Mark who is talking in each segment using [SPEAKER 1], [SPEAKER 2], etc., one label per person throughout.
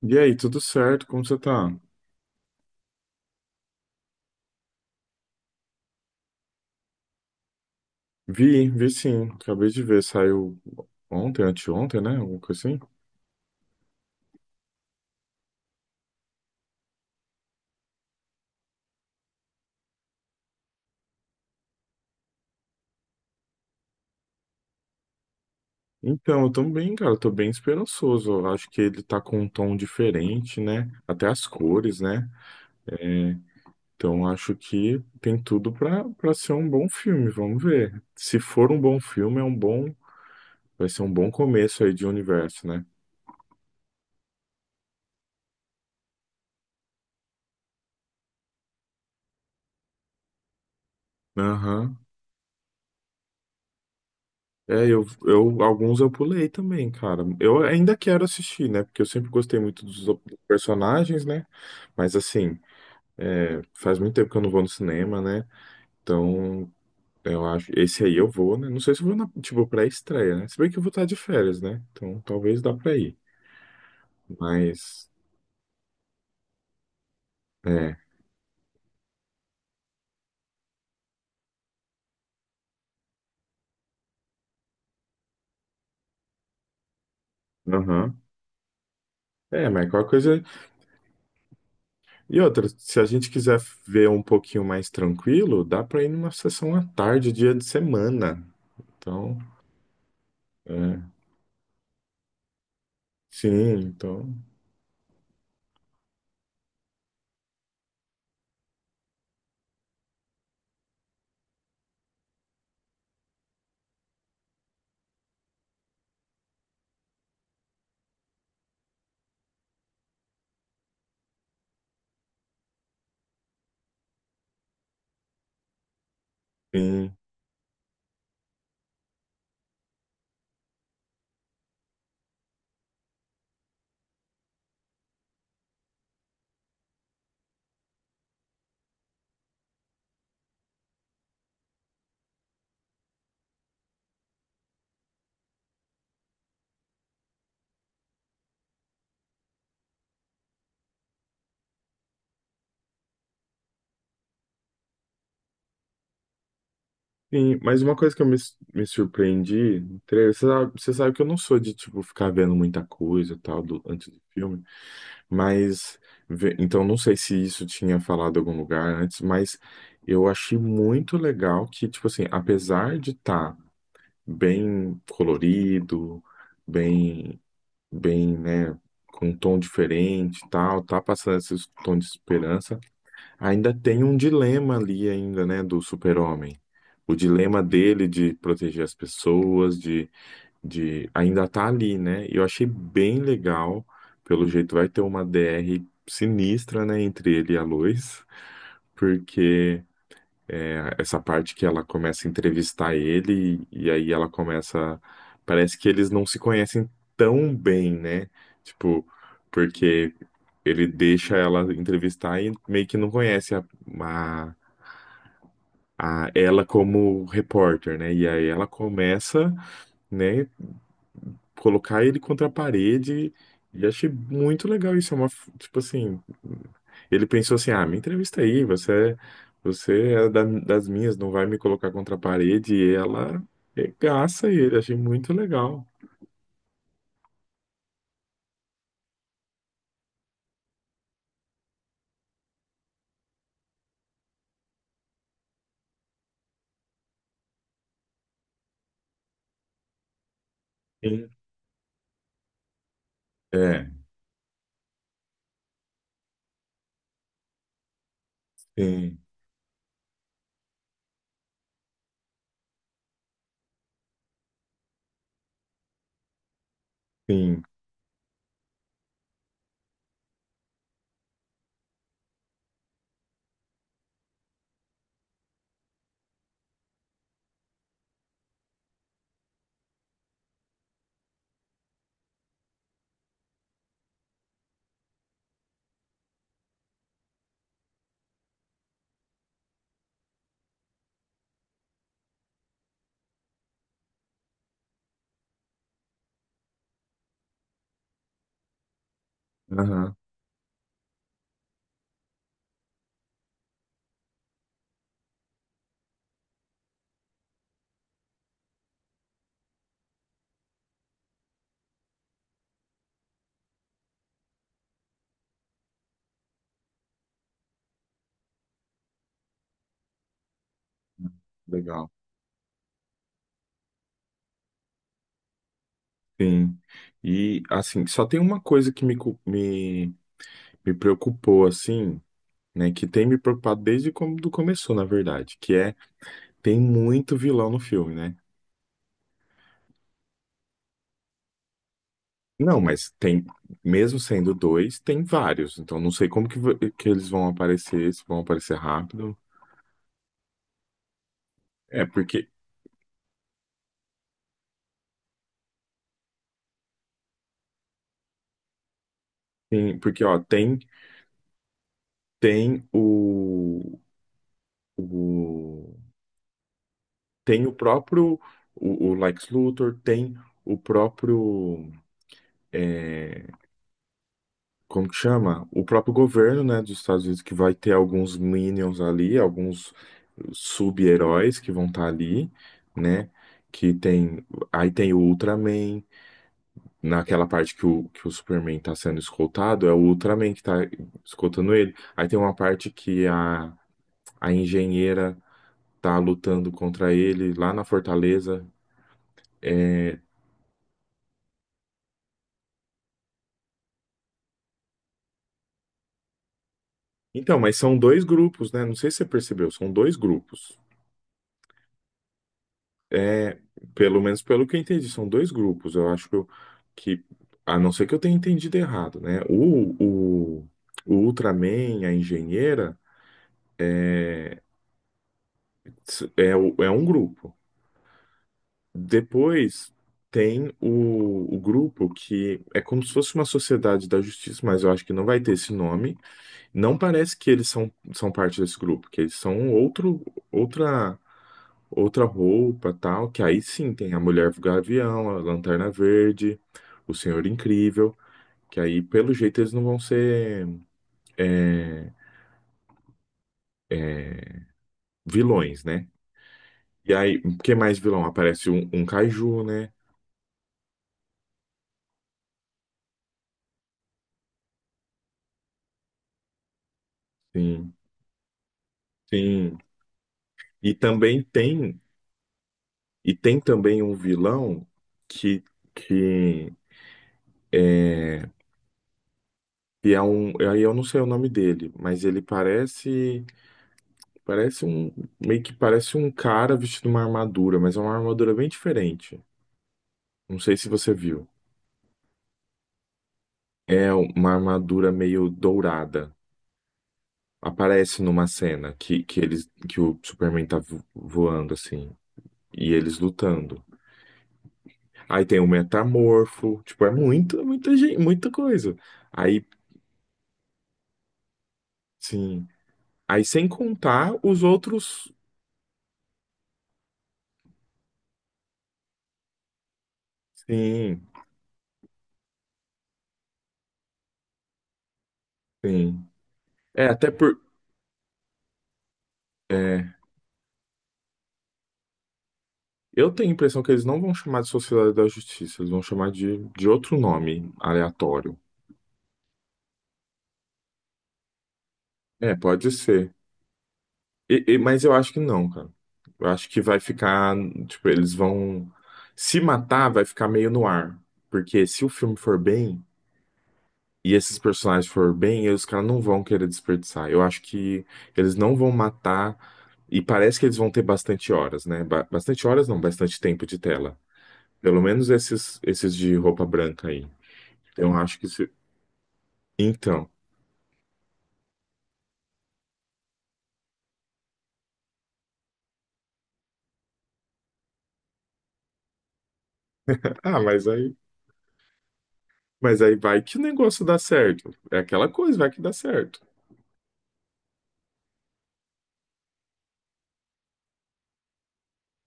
[SPEAKER 1] E aí, tudo certo? Como você tá? Vi sim. Acabei de ver, saiu ontem, anteontem, né? Alguma coisa assim. Então, eu tô bem, cara, eu tô bem esperançoso. Eu acho que ele tá com um tom diferente, né? Até as cores, né? É, então, acho que tem tudo pra, pra ser um bom filme. Vamos ver. Se for um bom filme, é um bom, vai ser um bom começo aí de universo, né? Aham. É, alguns eu pulei também, cara. Eu ainda quero assistir, né? Porque eu sempre gostei muito dos personagens, né? Mas assim, é, faz muito tempo que eu não vou no cinema, né? Então, eu acho. Esse aí eu vou, né? Não sei se eu vou na, tipo, pré-estreia, né? Se bem que eu vou estar de férias, né? Então, talvez dá pra ir. Mas, é. Aham. É, mas qualquer coisa. E outra, se a gente quiser ver um pouquinho mais tranquilo, dá pra ir numa sessão à tarde, dia de semana. Então, é. Sim, então. Sim, sim. Mas uma coisa que eu me surpreendi no trailer, você sabe que eu não sou de, tipo, ficar vendo muita coisa e tal do, antes do filme, mas, então não sei se isso tinha falado em algum lugar antes, mas eu achei muito legal que, tipo assim, apesar de estar bem colorido, bem, né, com um tom diferente e tal, tá passando esse tom de esperança, ainda tem um dilema ali ainda, né, do super-homem. O dilema dele de proteger as pessoas, de ainda tá ali, né? E eu achei bem legal. Pelo jeito vai ter uma DR sinistra, né, entre ele e a Lois, porque é, essa parte que ela começa a entrevistar ele e aí ela começa, parece que eles não se conhecem tão bem, né? Tipo, porque ele deixa ela entrevistar e meio que não conhece a ela como repórter, né? E aí ela começa, né, colocar ele contra a parede e achei muito legal isso. É uma, tipo assim, ele pensou assim, ah, me entrevista aí, você é das minhas, não vai me colocar contra a parede. E ela regaça ele, achei muito legal. Sim, é, sim, sim, aham, legal. Sim. E assim, só tem uma coisa que me preocupou, assim, né, que tem me preocupado desde quando começou, na verdade, que é tem muito vilão no filme, né? Não, mas tem, mesmo sendo dois, tem vários. Então não sei como que, que eles vão aparecer, se vão aparecer rápido. É porque tem, porque ó, tem o tem o próprio o Lex Luthor, tem o próprio é, como que chama? O próprio governo, né, dos Estados Unidos que vai ter alguns minions ali, alguns sub-heróis que vão estar ali, né? Que tem, aí tem o Ultraman, naquela parte que o Superman tá sendo escoltado, é o Ultraman que tá escoltando ele. Aí tem uma parte que a engenheira tá lutando contra ele lá na Fortaleza. Então, mas são dois grupos, né? Não sei se você percebeu, são dois grupos. É, pelo menos pelo que eu entendi, são dois grupos. Eu acho que, eu- que a não ser que eu tenha entendido errado, né? O Ultraman, a engenheira, é, é um grupo. Depois tem o grupo que é como se fosse uma sociedade da justiça, mas eu acho que não vai ter esse nome. Não parece que eles são, são parte desse grupo, que eles são um outro, outra. Outra roupa, tal, que aí sim tem a Mulher Gavião, a Lanterna Verde, o Senhor Incrível, que aí pelo jeito eles não vão ser é, vilões, né? E aí, que mais vilão? Aparece um, um Kaiju, né? Sim, sim. E também tem, e tem também um vilão que, que, é, que é um, aí eu não sei o nome dele, mas ele parece, parece um, meio que parece um cara vestido uma armadura, mas é uma armadura bem diferente. Não sei se você viu. É uma armadura meio dourada. Aparece numa cena que eles que o Superman tá voando assim e eles lutando. Aí tem o Metamorfo, tipo, é muita, muita gente, muita coisa. Aí, sim. Aí sem contar os outros. Sim, sim. É, até por é, eu tenho a impressão que eles não vão chamar de Sociedade da Justiça, eles vão chamar de outro nome aleatório. É, pode ser. Mas eu acho que não, cara. Eu acho que vai ficar, tipo, eles vão se matar, vai ficar meio no ar. Porque se o filme for bem e esses personagens for bem, os caras não vão querer desperdiçar. Eu acho que eles não vão matar e parece que eles vão ter bastante horas, né? Bastante horas não, bastante tempo de tela. Pelo menos esses esses de roupa branca aí. Eu acho que se... Então. Ah, mas aí vai que o negócio dá certo. É aquela coisa, vai que dá certo.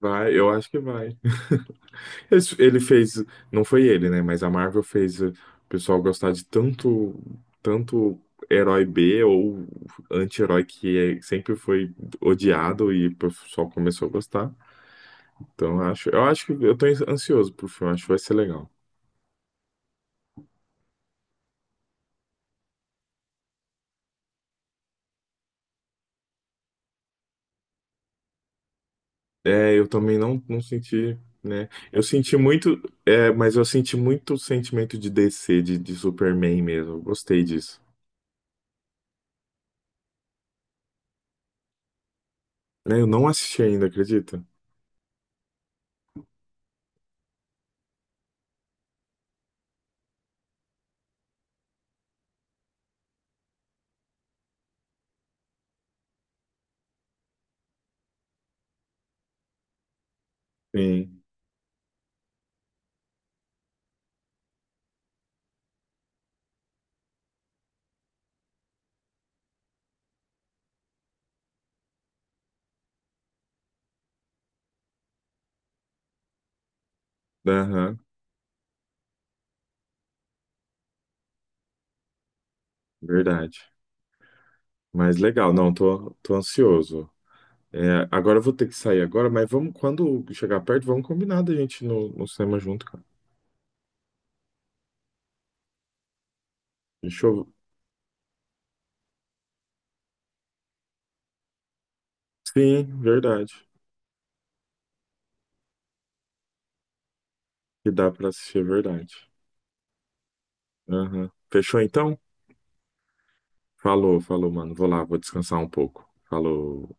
[SPEAKER 1] Vai, eu acho que vai. Ele fez, não foi ele, né? Mas a Marvel fez o pessoal gostar de tanto, tanto herói B ou anti-herói que sempre foi odiado e o pessoal começou a gostar. Então eu acho que eu tô ansioso pro filme, acho que vai ser legal. É, eu também não, não senti, né? Eu senti muito, é, mas eu senti muito sentimento de DC, de Superman mesmo. Eu gostei disso. Né, eu não assisti ainda, acredita? Sim. Aham. Verdade. Mas legal, não, tô, tô ansioso. É, agora eu vou ter que sair agora, mas vamos, quando chegar perto, vamos combinar da gente ir no, no cinema junto, cara. Fechou? Sim, verdade. Que dá pra assistir, é verdade. Aham. Fechou então? Falou, falou, mano. Vou lá, vou descansar um pouco. Falou.